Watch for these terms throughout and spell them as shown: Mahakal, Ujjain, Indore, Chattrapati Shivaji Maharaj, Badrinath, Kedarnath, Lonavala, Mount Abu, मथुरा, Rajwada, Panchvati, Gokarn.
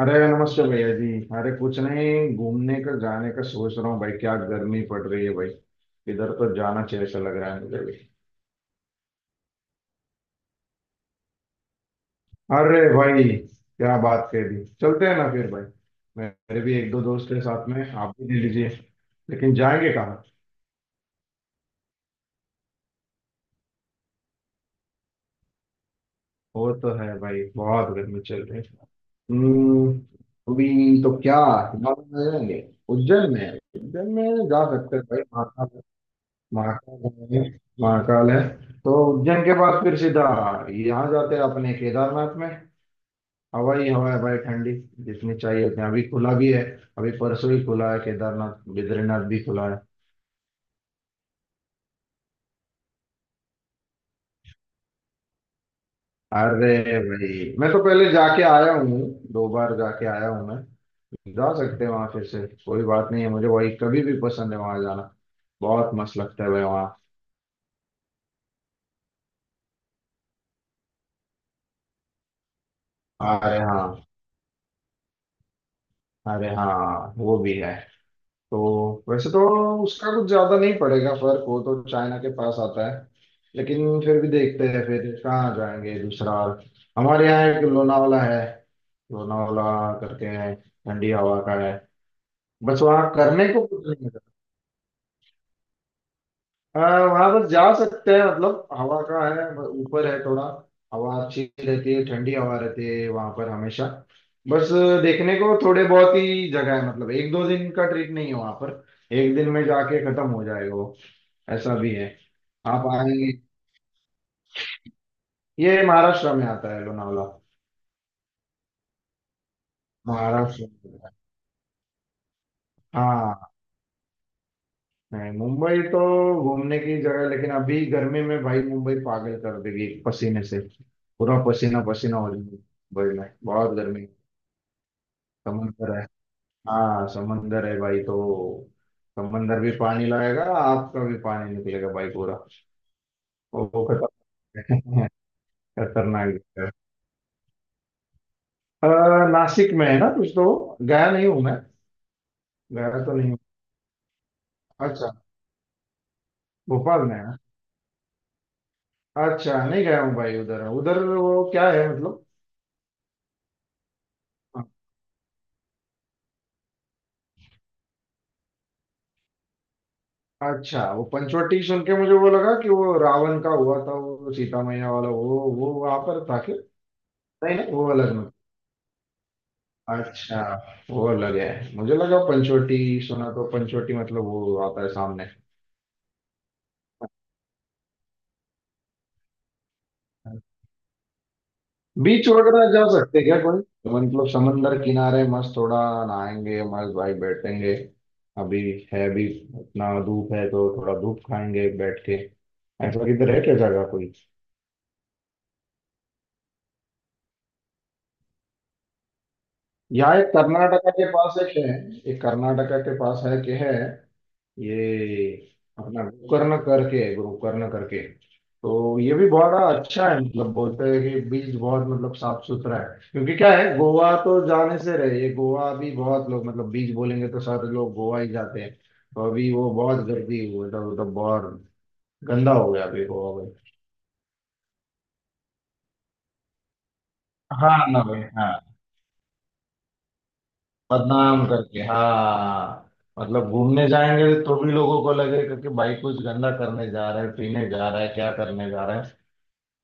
अरे नमस्ते भैया जी। अरे कुछ नहीं, घूमने का जाने का सोच रहा हूँ भाई, क्या गर्मी पड़ रही है भाई। इधर तो जाना चाहिए ऐसा लग रहा है मुझे भी। अरे भाई, क्या बात कह दी, चलते हैं ना फिर भाई। मेरे भी एक दो दोस्त हैं साथ में, आप भी ले लीजिए। लेकिन जाएंगे कहाँ? वो तो है भाई, बहुत गर्मी चल रही है। हम्म, अभी तो क्या हिमालय में जाएंगे? उज्जैन में? उज्जैन में जा सकते हैं भाई। महाकाल है, महाकाल है। तो उज्जैन के पास फिर सीधा यहाँ जाते हैं अपने केदारनाथ में। हवाई हवा है भाई ठंडी, जितनी चाहिए उतनी। अभी खुला भी है, अभी परसों ही खुला है केदारनाथ, बद्रीनाथ भी खुला है। अरे भाई, मैं तो पहले जाके आया हूँ। दो बार जाके आया हूँ मैं। जा सकते हैं वहां फिर से, कोई बात नहीं है, मुझे वही कभी भी पसंद है वहां जाना। बहुत मस्त लगता है भाई वहाँ। अरे हाँ, अरे हाँ वो भी है। तो वैसे तो उसका कुछ ज्यादा नहीं पड़ेगा फर्क, वो तो चाइना के पास आता है। लेकिन फिर भी देखते हैं फिर, कहाँ जाएंगे दूसरा। हमारे यहाँ एक लोनावाला है, लोनावाला करके है, ठंडी हवा का है। बस वहाँ करने को कुछ नहीं है। वहाँ बस जा सकते हैं, मतलब हवा का है, ऊपर है थोड़ा। हवा अच्छी रहती है, ठंडी हवा रहती है वहाँ पर हमेशा। बस देखने को थोड़े बहुत ही जगह है, मतलब एक दो दिन का ट्रिप नहीं है वहाँ पर। एक दिन में जाके खत्म हो जाएगा वो, ऐसा भी है। हाँ पानी। ये महाराष्ट्र में आता है लोनावला। महाराष्ट्र में। हाँ, नहीं मुंबई तो घूमने की जगह है, लेकिन अभी गर्मी में भाई मुंबई पागल कर देगी पसीने से। पूरा पसीना पसीना हो जाएगी। मुंबई में बहुत गर्मी है। समंदर है। हाँ समंदर है भाई, तो समंदर भी पानी लाएगा, आपका भी पानी निकलेगा भाई पूरा। वो खतरनाक है। खतरनाक जगह है। नासिक में है ना कुछ तो, गया नहीं हूँ मैं। गया तो नहीं हूँ। अच्छा। भोपाल। अच्छा, नहीं गया हूँ भाई उधर उधर, वो क्या है मतलब। हाँ, अच्छा वो पंचवटी सुन के मुझे वो लगा कि वो रावण का हुआ था, वो सीता मैया वाला वो वहां पर था क्या? नहीं नहीं, वो अलग में। अच्छा, वो अलग है, मुझे लगा पंचवटी सुना तो पंचवटी मतलब वो आता है सामने। बीच वगैरह जा सकते हैं क्या कोई, तो मतलब समंदर किनारे मस्त थोड़ा नहाएंगे, मस्त भाई बैठेंगे। अभी है भी, इतना धूप है तो थोड़ा धूप खाएंगे बैठ के। ऐसा किधर है क्या जगह कोई? यहाँ एक कर्नाटका के पास एक है। एक कर्नाटका के पास है कि है ये, अपना गोकर्ण करके है, गोकर्ण करके। तो ये भी बड़ा अच्छा है, मतलब बोलते हैं कि बीच बहुत मतलब साफ सुथरा है, क्योंकि क्या है, गोवा तो जाने से रहे। ये गोवा भी बहुत लोग मतलब बीच बोलेंगे तो सारे लोग गोवा ही जाते हैं। तो अभी वो बहुत गर्दी हुई, मतलब बहुत गंदा हो गया अभी गोवा में। हाँ ना भाई हाँ। बदनाम करके हाँ, मतलब घूमने जाएंगे तो भी लोगों को लगेगा कि भाई कुछ गंदा करने जा रहा है, पीने जा रहा है, क्या करने जा रहा है,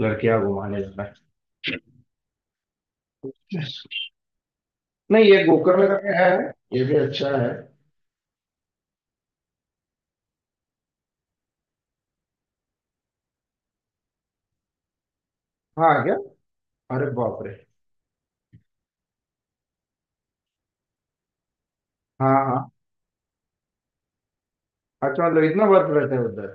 लड़कियां घुमाने जा रहा है। नहीं, ये गोकर्ण करके है, ये भी अच्छा है। हाँ क्या, अरे बाप रे। हाँ हाँ, अच्छा मतलब इतना बर्फ रहता है उधर।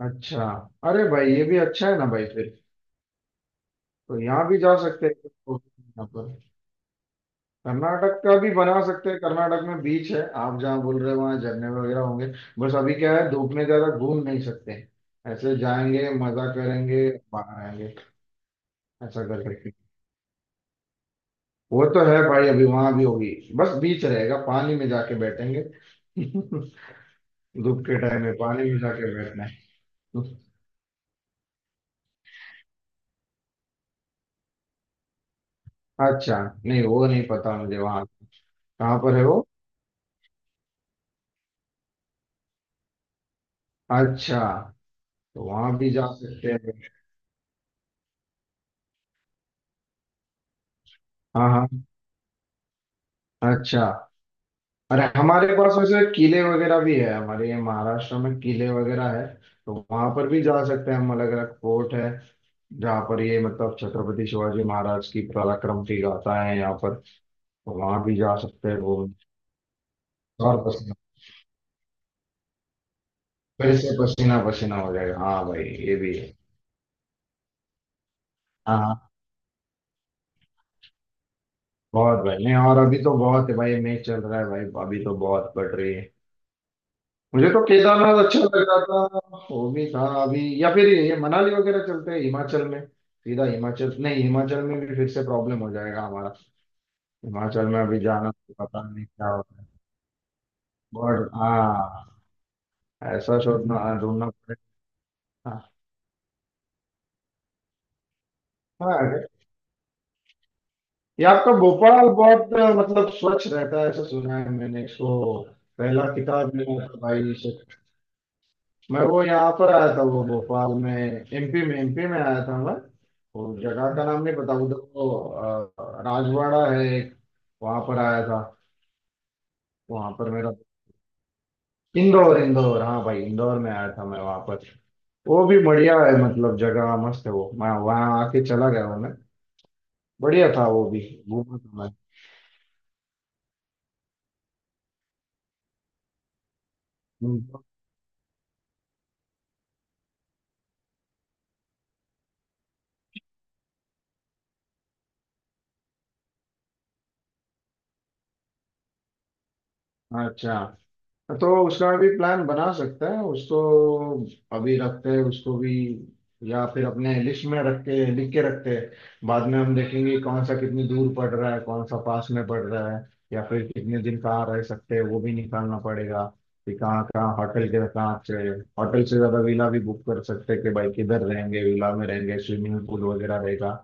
अच्छा, अरे भाई ये भी अच्छा है ना भाई फिर। तो यहाँ भी जा सकते हैं, कर्नाटक का भी बना सकते हैं। कर्नाटक में बीच है आप जहाँ बोल रहे हो, वहाँ झरने वगैरह होंगे। बस अभी क्या है, धूप में ज्यादा घूम नहीं सकते। ऐसे जाएंगे मजा करेंगे, बाहर आएंगे, ऐसा कर सकते हैं। वो तो है भाई, अभी वहां भी होगी। बस बीच रहेगा, पानी में जाके बैठेंगे। धूप के टाइम में पानी में जाके बैठना है। अच्छा, नहीं वो नहीं पता मुझे वहां। कहाँ पर है वो? अच्छा, तो वहां भी जा सकते हैं। हाँ हाँ, अच्छा। अरे हमारे पास वैसे किले वगैरह भी है, हमारे ये महाराष्ट्र में किले वगैरह है। तो वहां पर भी जा सकते हैं हम, अलग अलग फोर्ट है, जहाँ पर ये मतलब छत्रपति शिवाजी महाराज की पराक्रम की गाथा है यहाँ पर। तो वहां भी जा सकते हैं वो। और पसीना, फिर से पसीना पसीना हो जाएगा, हाँ भाई ये भी है। हाँ हाँ, बहुत भाई। नहीं, और अभी तो बहुत है भाई, मैच चल रहा है भाई, अभी तो बहुत बढ़ रही है। मुझे तो केदारनाथ अच्छा लग रहा था। वो भी था अभी, या फिर ये मनाली वगैरह चलते हैं हिमाचल में सीधा। हिमाचल, नहीं हिमाचल में भी फिर से प्रॉब्लम हो जाएगा हमारा। हिमाचल में अभी जाना तो पता नहीं क्या होता है। बट हाँ, ऐसा सोचना। हाँ, ढूंढना पड़ेगा। हाँ। ये आपका भोपाल बहुत मतलब स्वच्छ रहता है, ऐसा सुना है मैंने इसको। पहला किताब मिला था भाई से, मैं वो यहाँ पर आया था, वो भोपाल में, एमपी में, एमपी में आया था मैं, वो जगह का नाम नहीं पता उधर वो राजवाड़ा है एक, वहां पर आया था। वहां पर मेरा इंदौर, इंदौर हाँ भाई इंदौर में आया था मैं वहां पर। वो भी बढ़िया है, मतलब जगह मस्त है वो, मैं वहां आके चला गया हूँ मैं। बढ़िया था वो भी, घूमा था मैं इंदौर- अच्छा। तो उसका भी प्लान बना सकते हैं, उसको अभी रखते हैं उसको भी। या फिर अपने लिस्ट में रख के लिख के रखते हैं, बाद में हम देखेंगे कौन सा कितनी दूर पड़ रहा है, कौन सा पास में पड़ रहा है, या फिर कितने दिन कहाँ रह सकते हैं वो भी निकालना पड़ेगा, कि कहाँ कहाँ होटल के, कहाँ अच्छे होटल से ज्यादा विला भी बुक कर सकते हैं, कि भाई किधर रहेंगे, विला में रहेंगे, स्विमिंग पूल वगैरह रहेगा।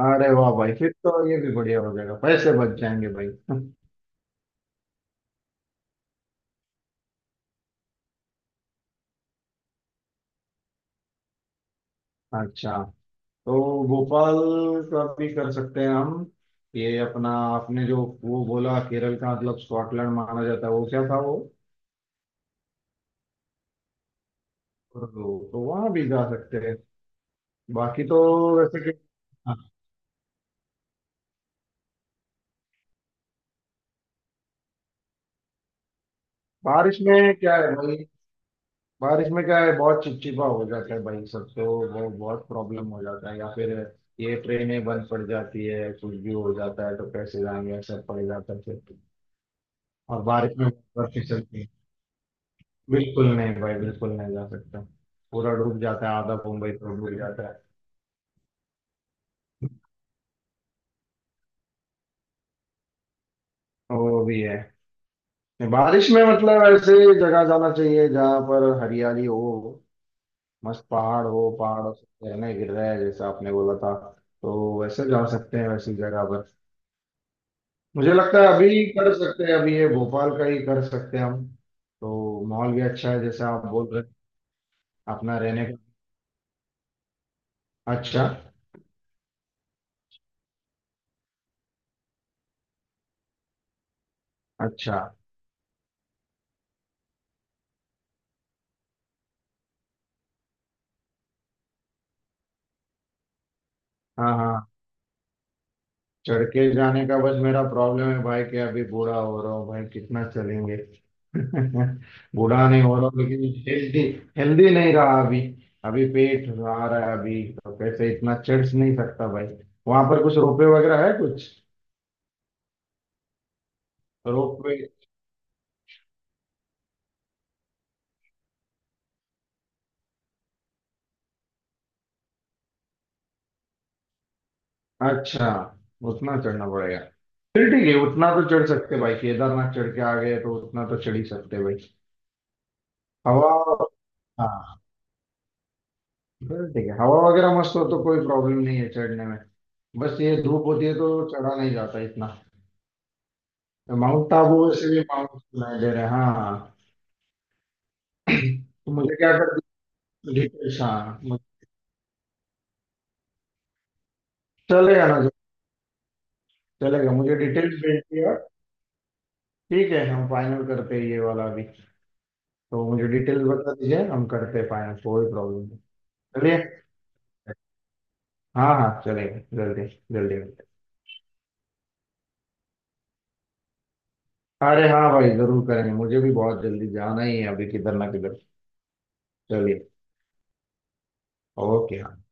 अरे वाह भाई, फिर तो ये भी बढ़िया हो जाएगा, पैसे बच जाएंगे भाई। अच्छा, तो भोपाल का भी कर सकते हैं हम। ये अपना आपने जो वो बोला, केरल का मतलब स्कॉटलैंड माना जाता है, वो क्या था वो? तो, तो वहां भी जा सकते हैं। बाकी तो वैसे कि हाँ, बारिश में क्या है भाई, बारिश में क्या है, बहुत चिपचिपा हो जाता है भाई सब तो। वो बहुत प्रॉब्लम हो जाता है, या फिर ये ट्रेनें बंद पड़ जाती है, कुछ भी हो जाता है, तो कैसे जाएंगे, सब पड़ जाता है फिर। और बारिश में बर्फी चलती है, बिल्कुल नहीं भाई, बिल्कुल नहीं जा सकता, पूरा डूब जाता है, आधा मुंबई तो डूब जाता है। वो भी है। बारिश में मतलब ऐसे जगह जाना चाहिए जहाँ पर हरियाली हो, मस्त पहाड़ हो, पहाड़ों से झरने गिर रहे हैं जैसा आपने बोला था। तो वैसे जा सकते हैं वैसी जगह पर। मुझे लगता है अभी कर सकते हैं, अभी ये भोपाल का ही कर सकते हैं हम, तो माहौल भी अच्छा है जैसे आप बोल रहे हैं, अपना रहने का। अच्छा। अच्छा। हाँ हाँ, चढ़ के जाने का बस मेरा प्रॉब्लम है भाई, कि अभी बूढ़ा हो रहा हूँ भाई, कितना चलेंगे। बूढ़ा नहीं हो रहा हूँ, लेकिन हेल्दी, हेल्दी नहीं रहा अभी। अभी पेट आ रहा है अभी, तो कैसे इतना चढ़ नहीं सकता भाई। वहां पर कुछ रोपवे वगैरह है कुछ? रोपवे। अच्छा, उतना चढ़ना पड़ेगा। फिर ठीक है, उतना तो चढ़ सकते भाई, केदारनाथ चढ़ के आ गए तो उतना तो चढ़ ही सकते भाई। हवा, हाँ फिर ठीक है, हवा वगैरह मस्त हो तो कोई प्रॉब्लम नहीं है चढ़ने में। बस ये धूप होती है तो चढ़ा नहीं जाता इतना। तो माउंट आबू वैसे भी माउंट सुनाई दे रहे हैं हाँ। तो मुझे क्या कर डिटेल्स, चलेगा ना। चलेगा, मुझे डिटेल्स भेज दिया, ठीक है हम फाइनल करते हैं ये वाला भी। तो मुझे डिटेल्स बता दीजिए, हम करते हैं फाइनल, कोई प्रॉब्लम नहीं। चलिए। हाँ हाँ चलेगा, जल्दी जल्दी मिलते हैं। अरे हाँ भाई, जरूर करेंगे, मुझे भी बहुत जल्दी जाना ही है अभी किधर ना किधर। चलिए। ओके।